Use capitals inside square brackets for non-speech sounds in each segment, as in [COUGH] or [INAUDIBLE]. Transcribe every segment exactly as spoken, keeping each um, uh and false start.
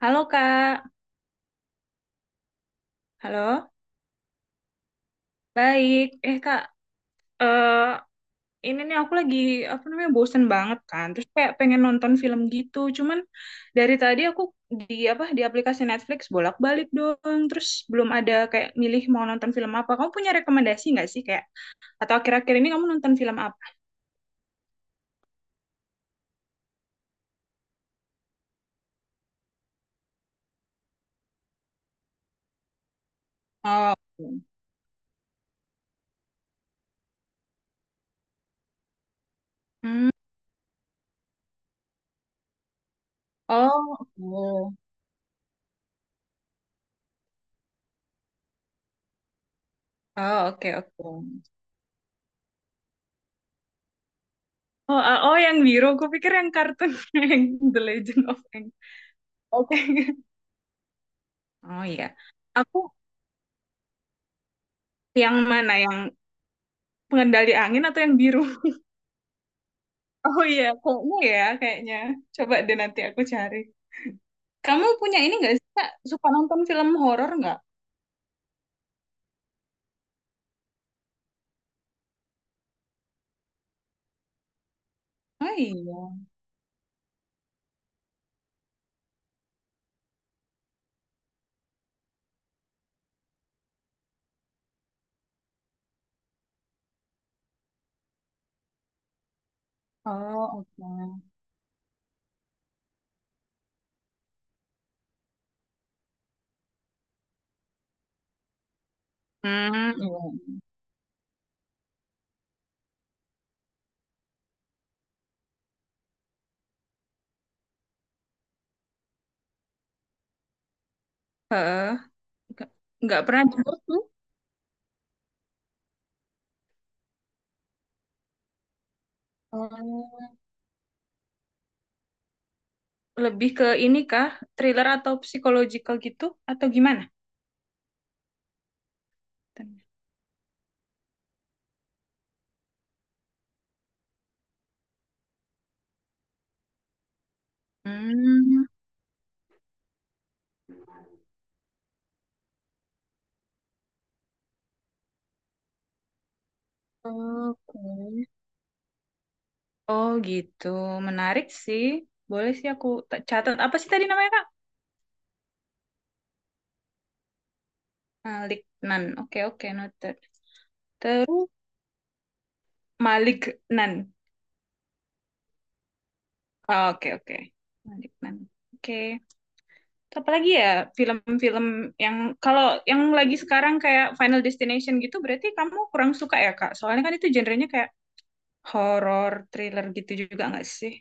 Halo Kak, halo, baik. Eh Kak, eh ini nih aku lagi apa namanya bosen banget kan. Terus kayak pengen nonton film gitu. Cuman dari tadi aku di apa di aplikasi Netflix bolak-balik dong. Terus belum ada kayak milih mau nonton film apa. Kamu punya rekomendasi nggak sih kayak? Atau akhir-akhir ini kamu nonton film apa? Oh, hmm. Oh, oh, oh, oke oke. Oh, ah, oh yang biru. Aku pikir yang kartun [LAUGHS] yang The Legend of Aang. Oke. Oh iya. Aku Yang mana? Yang pengendali angin atau yang biru? [LAUGHS] Oh iya, kayaknya ya, kayaknya. Coba deh nanti aku cari. Kamu punya ini nggak sih, Kak? Suka nonton film horor nggak? Oh iya. Oh, oke. Hmm, iya. Heeh. Nggak nggak pernah dengar tuh. Hmm, lebih ke ini kah? Thriller atau psychological gitu? Atau gimana? Hmm, oke. Oh gitu. Menarik sih. Boleh sih aku ta- catat. Apa sih tadi namanya, Kak? Malik Nan. Oke, oke, noted. Terus Malik Nan. Ah, oke, oke. Malik Nan. Oke. Apa lagi ya film-film yang kalau yang lagi sekarang kayak Final Destination gitu berarti kamu kurang suka ya, Kak? Soalnya kan itu genrenya kayak horor, thriller gitu juga nggak sih?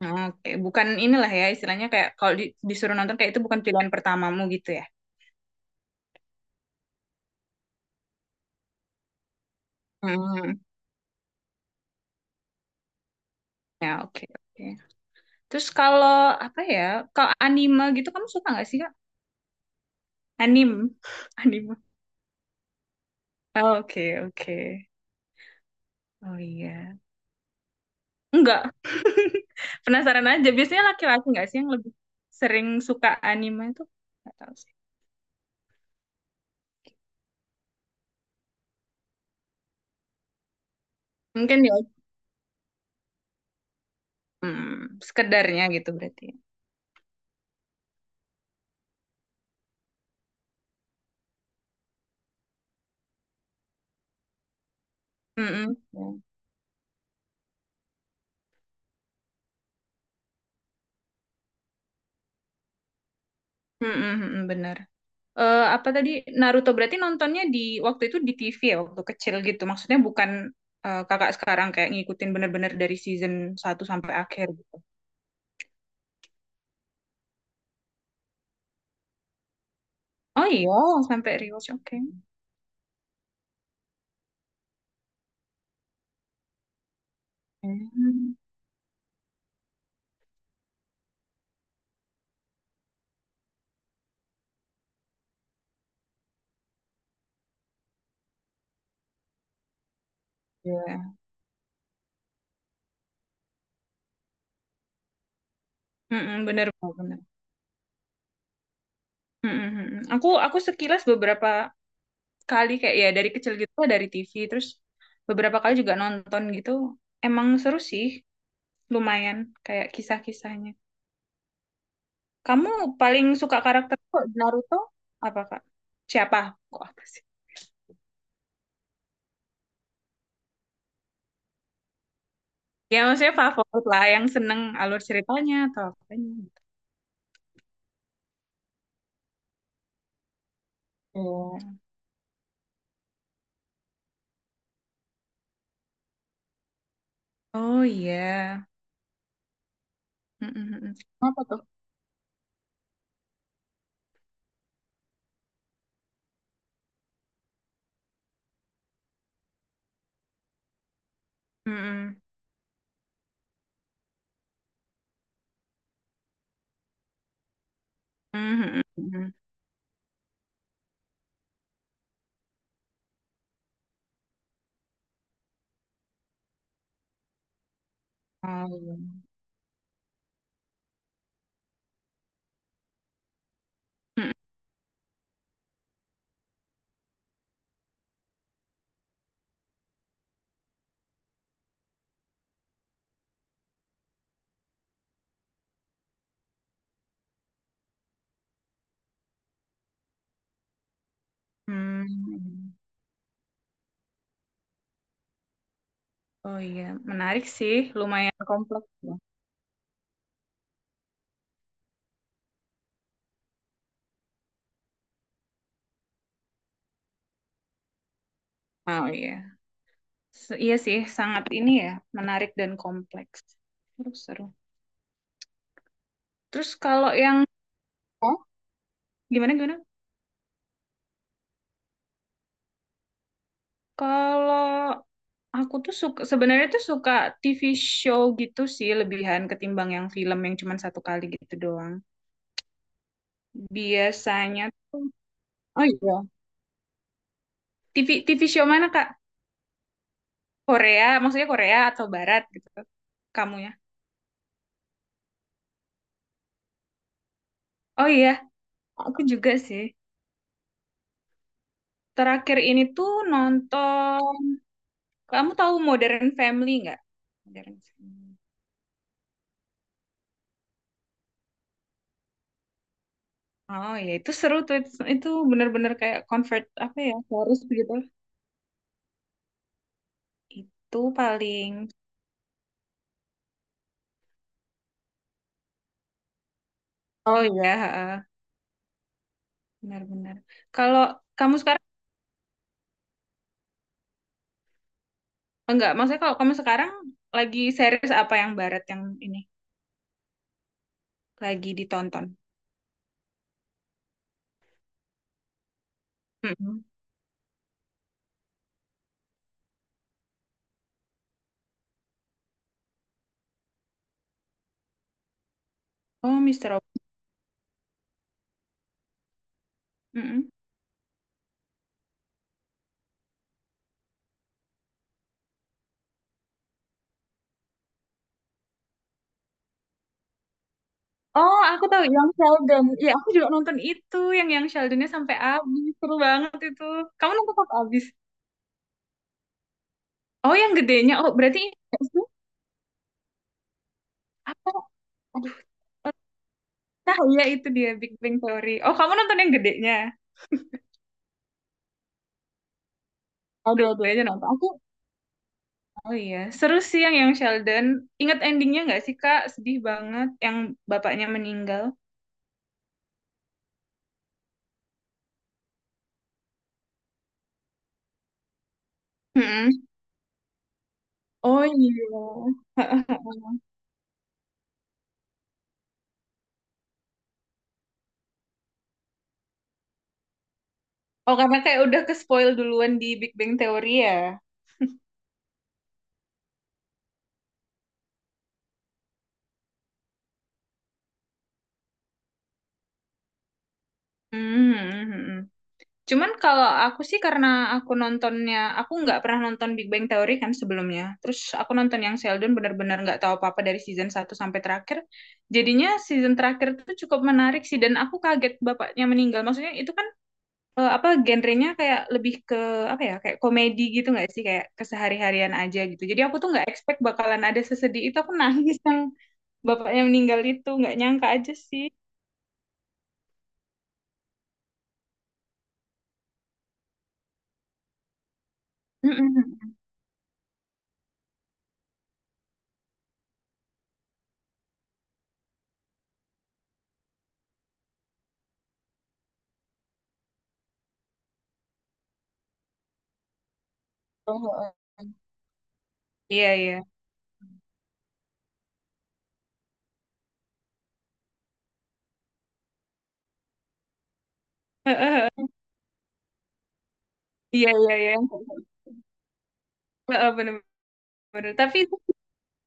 Oke, bukan inilah ya istilahnya kayak kalau di- disuruh nonton kayak itu bukan pilihan pertamamu gitu ya. Hmm. Ya, oke, oke. Terus kalau apa ya? Kalau anime gitu kamu suka nggak sih, Kak? Anim. [LAUGHS] Anime. Oh, oke, oke. Oh iya. Enggak. [LAUGHS] Penasaran aja. Biasanya laki-laki nggak sih yang lebih sering suka anime itu? Nggak tahu sih. Mungkin ya hmm, sekedarnya gitu berarti, ya. Mm-mm. Mm-mm, mm-mm, benar. Eh, apa tadi Naruto berarti nontonnya di waktu itu di T V ya waktu kecil gitu. Maksudnya bukan eh, kakak sekarang kayak ngikutin bener-bener dari season satu sampai akhir gitu. Oh iya, sampai rewatch. Oke. Hmm, iya. Mm-mm, bener, bener. Mm, mm, mm. Aku aku sekilas beberapa kali kayak ya dari kecil gitu dari T V terus beberapa kali juga nonton gitu. Emang seru sih, lumayan kayak kisah-kisahnya. Kamu paling suka karakter kok di Naruto apa Kak? Siapa? Kok apa sih? Ya maksudnya favorit lah yang seneng alur ceritanya atau apanya gitu. Oh, oh iya. Mm, mm, mm, mm. Apa tuh? Mm, mm. Mm, mm, mm, mm. Ah, iya. Mm, mm. Oh iya, menarik sih, lumayan kompleks ya. Oh iya, Se- iya sih, sangat ini ya, menarik dan kompleks. Terus seru. Terus kalau yang oh, gimana gimana? Kalau aku tuh suka sebenarnya tuh suka T V show gitu sih lebihan ketimbang yang film yang cuma satu kali gitu doang. Biasanya tuh oh iya, T V T V show mana Kak? Korea, maksudnya Korea atau Barat gitu. Kamu ya? Oh iya, aku juga sih. Terakhir ini tuh nonton, kamu tahu Modern Family nggak? Modern Family. Oh ya itu seru tuh, itu, itu bener-bener kayak convert apa ya, harus gitu. Itu paling, oh ya heeh, benar-benar. Kalau kamu sekarang, enggak, maksudnya kalau kamu sekarang lagi series apa yang barat yang ini, lagi ditonton? Mm-mm. Oh Mister Robot. Mm-mm. Oh, aku tahu yang Sheldon. Ya, aku juga nonton itu yang yang Sheldonnya sampai habis. Seru banget itu. Kamu nonton sampai habis? Oh, yang gedenya. Oh, berarti ini nggak sih? Apa? Nah, iya itu dia Big Bang Theory. Oh, kamu nonton yang gedenya. Oh, dua-duanya nonton. Aku, oh iya. Seru sih yang yang Sheldon. Ingat endingnya nggak sih, Kak? Sedih banget yang bapaknya meninggal. Mm-mm. Oh iya. [LAUGHS] Oh, karena kayak udah ke spoil duluan di Big Bang Theory ya. Hmm. Cuman kalau aku sih karena aku nontonnya, aku nggak pernah nonton Big Bang Theory kan sebelumnya. Terus aku nonton yang Sheldon benar-benar nggak tahu apa-apa dari season satu sampai terakhir. Jadinya season terakhir itu cukup menarik sih dan aku kaget bapaknya meninggal. Maksudnya itu kan eh, apa genrenya kayak lebih ke apa ya? Kayak komedi gitu nggak sih? Kayak kesehari-harian aja gitu. Jadi aku tuh nggak expect bakalan ada sesedih itu. Aku [LAUGHS] nangis yang bapaknya meninggal itu nggak nyangka aja sih. Mm-mm. Oh, oh, oh. Iya, iya. Iya, iya, iya. Heeh, bener-bener. Tapi itu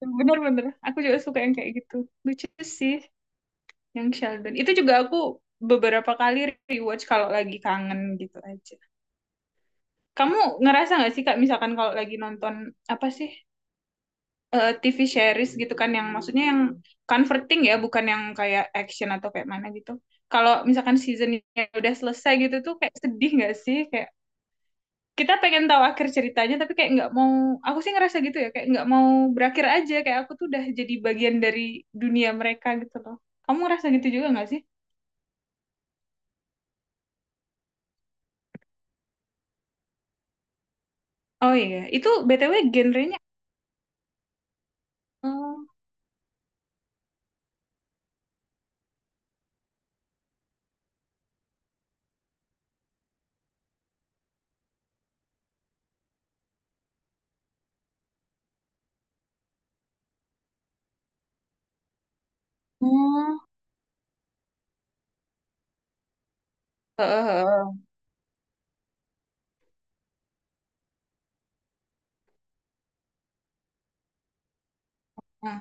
bener-bener, aku juga suka yang kayak gitu. Lucu sih yang Sheldon. Itu juga aku beberapa kali rewatch kalau lagi kangen gitu aja. Kamu ngerasa nggak sih Kak, misalkan kalau lagi nonton apa sih eh, T V series gitu kan, yang maksudnya yang comforting ya, bukan yang kayak action atau kayak mana gitu. Kalau misalkan seasonnya udah selesai gitu tuh kayak sedih nggak sih? Kayak kita pengen tahu akhir ceritanya tapi kayak nggak mau. Aku sih ngerasa gitu ya, kayak nggak mau berakhir aja, kayak aku tuh udah jadi bagian dari dunia mereka gitu loh. Kamu ngerasa gitu juga nggak sih? Oh iya itu btw genrenya. Oh, oh. Heeh, heeh. Nah,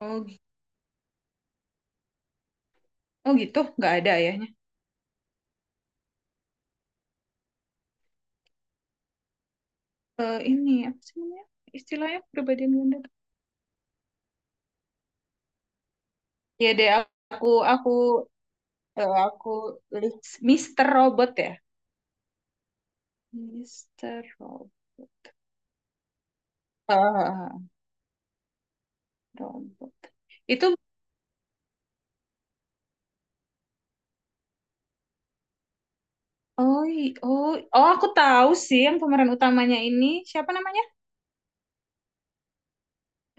oh gi- oh gitu nggak ada ayahnya. Eh ini apa sih namanya istilahnya perbedaan gender ya deh aku aku eh, aku list Mister Robot ya Mister Robot. Heeh, heeh, heeh. Robot itu. Oh, i- oh, oh, aku tahu sih yang pemeran utamanya ini siapa namanya?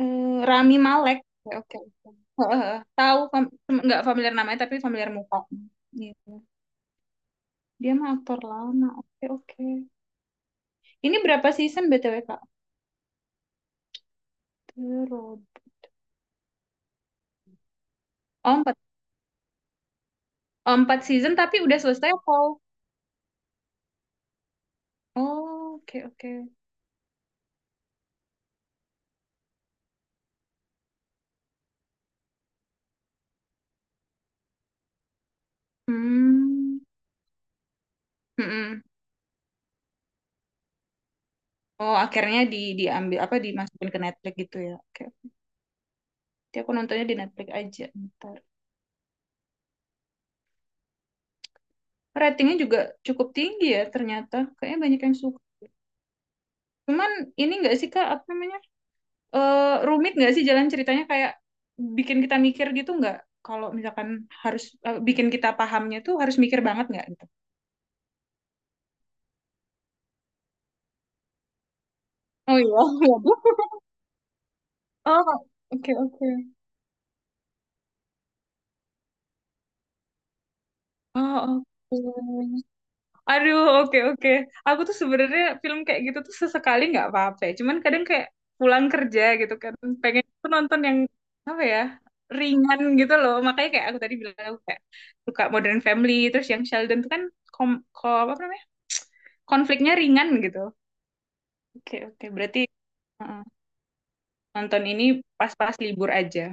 Eh, Rami Malek. Oke, oke, oke. Heeh, heeh. Tahu fam tem- nggak familiar namanya tapi familiar muka. Gitu. Dia mah aktor lama. Oke, oke. Ini berapa season B T W, Kak? Terus. Oh, empat. Oh, empat season tapi udah selesai apa? Oh, oke, oke. Hmm. Mm-mm. Oh, akhirnya di diambil apa dimasukin ke Netflix gitu ya. Oke. Jadi aku nontonnya di Netflix aja. Ntar. Ratingnya juga cukup tinggi ya ternyata. Kayaknya banyak yang suka. Cuman ini nggak sih Kak, apa namanya? Eh, Rumit nggak sih jalan ceritanya kayak bikin kita mikir gitu nggak? Kalau misalkan harus eh, bikin kita pahamnya tuh harus mikir banget nggak gitu? Oh iya, [LAUGHS] oh, oke oke. Oh, oke. Aduh, oke oke. Aku tuh sebenarnya film kayak gitu tuh sesekali nggak apa-apa, ya. Cuman kadang kayak pulang kerja gitu kan, pengen tuh nonton yang apa ya ringan gitu loh. Makanya kayak aku tadi bilang aku kayak suka Modern Family, terus yang Sheldon tuh kan kom, ko, apa namanya konfliknya ringan gitu. Oke oke. Berarti uh, nonton ini pas-pas libur aja,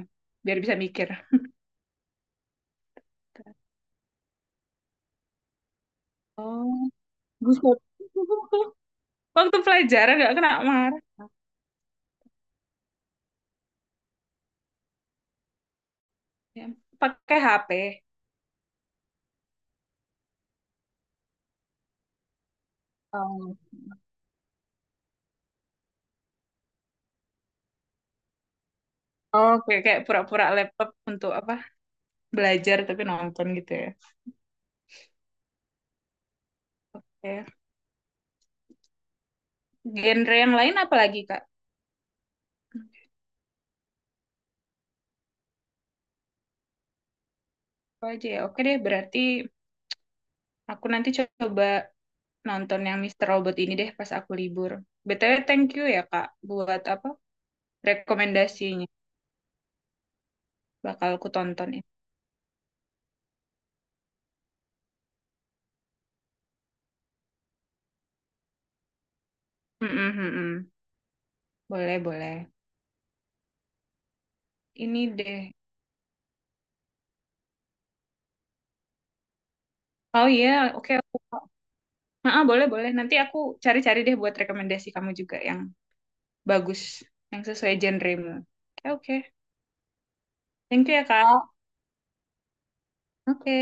biar bisa mikir. Oh, buset. [LAUGHS] Waktu pelajaran nggak kena marah. Ya. Pakai H P. Oh. Oh, kayak kayak pura-pura laptop untuk apa? Belajar tapi nonton gitu ya. Oke. Genre yang lain apa lagi, Kak? Apa aja ya? Oke deh, berarti aku nanti coba nonton yang Mister Robot ini deh pas aku libur. B T W, thank you ya, Kak, buat apa? Rekomendasinya. Bakal aku tonton ya. Mm-mm, mm-mm. Boleh, boleh. Ini deh. Oh iya, oke aku. Ah, boleh, boleh. Nanti aku cari-cari deh buat rekomendasi kamu juga yang bagus, yang sesuai genremu. Oke, oke. Thank you ya, Kak. Oke.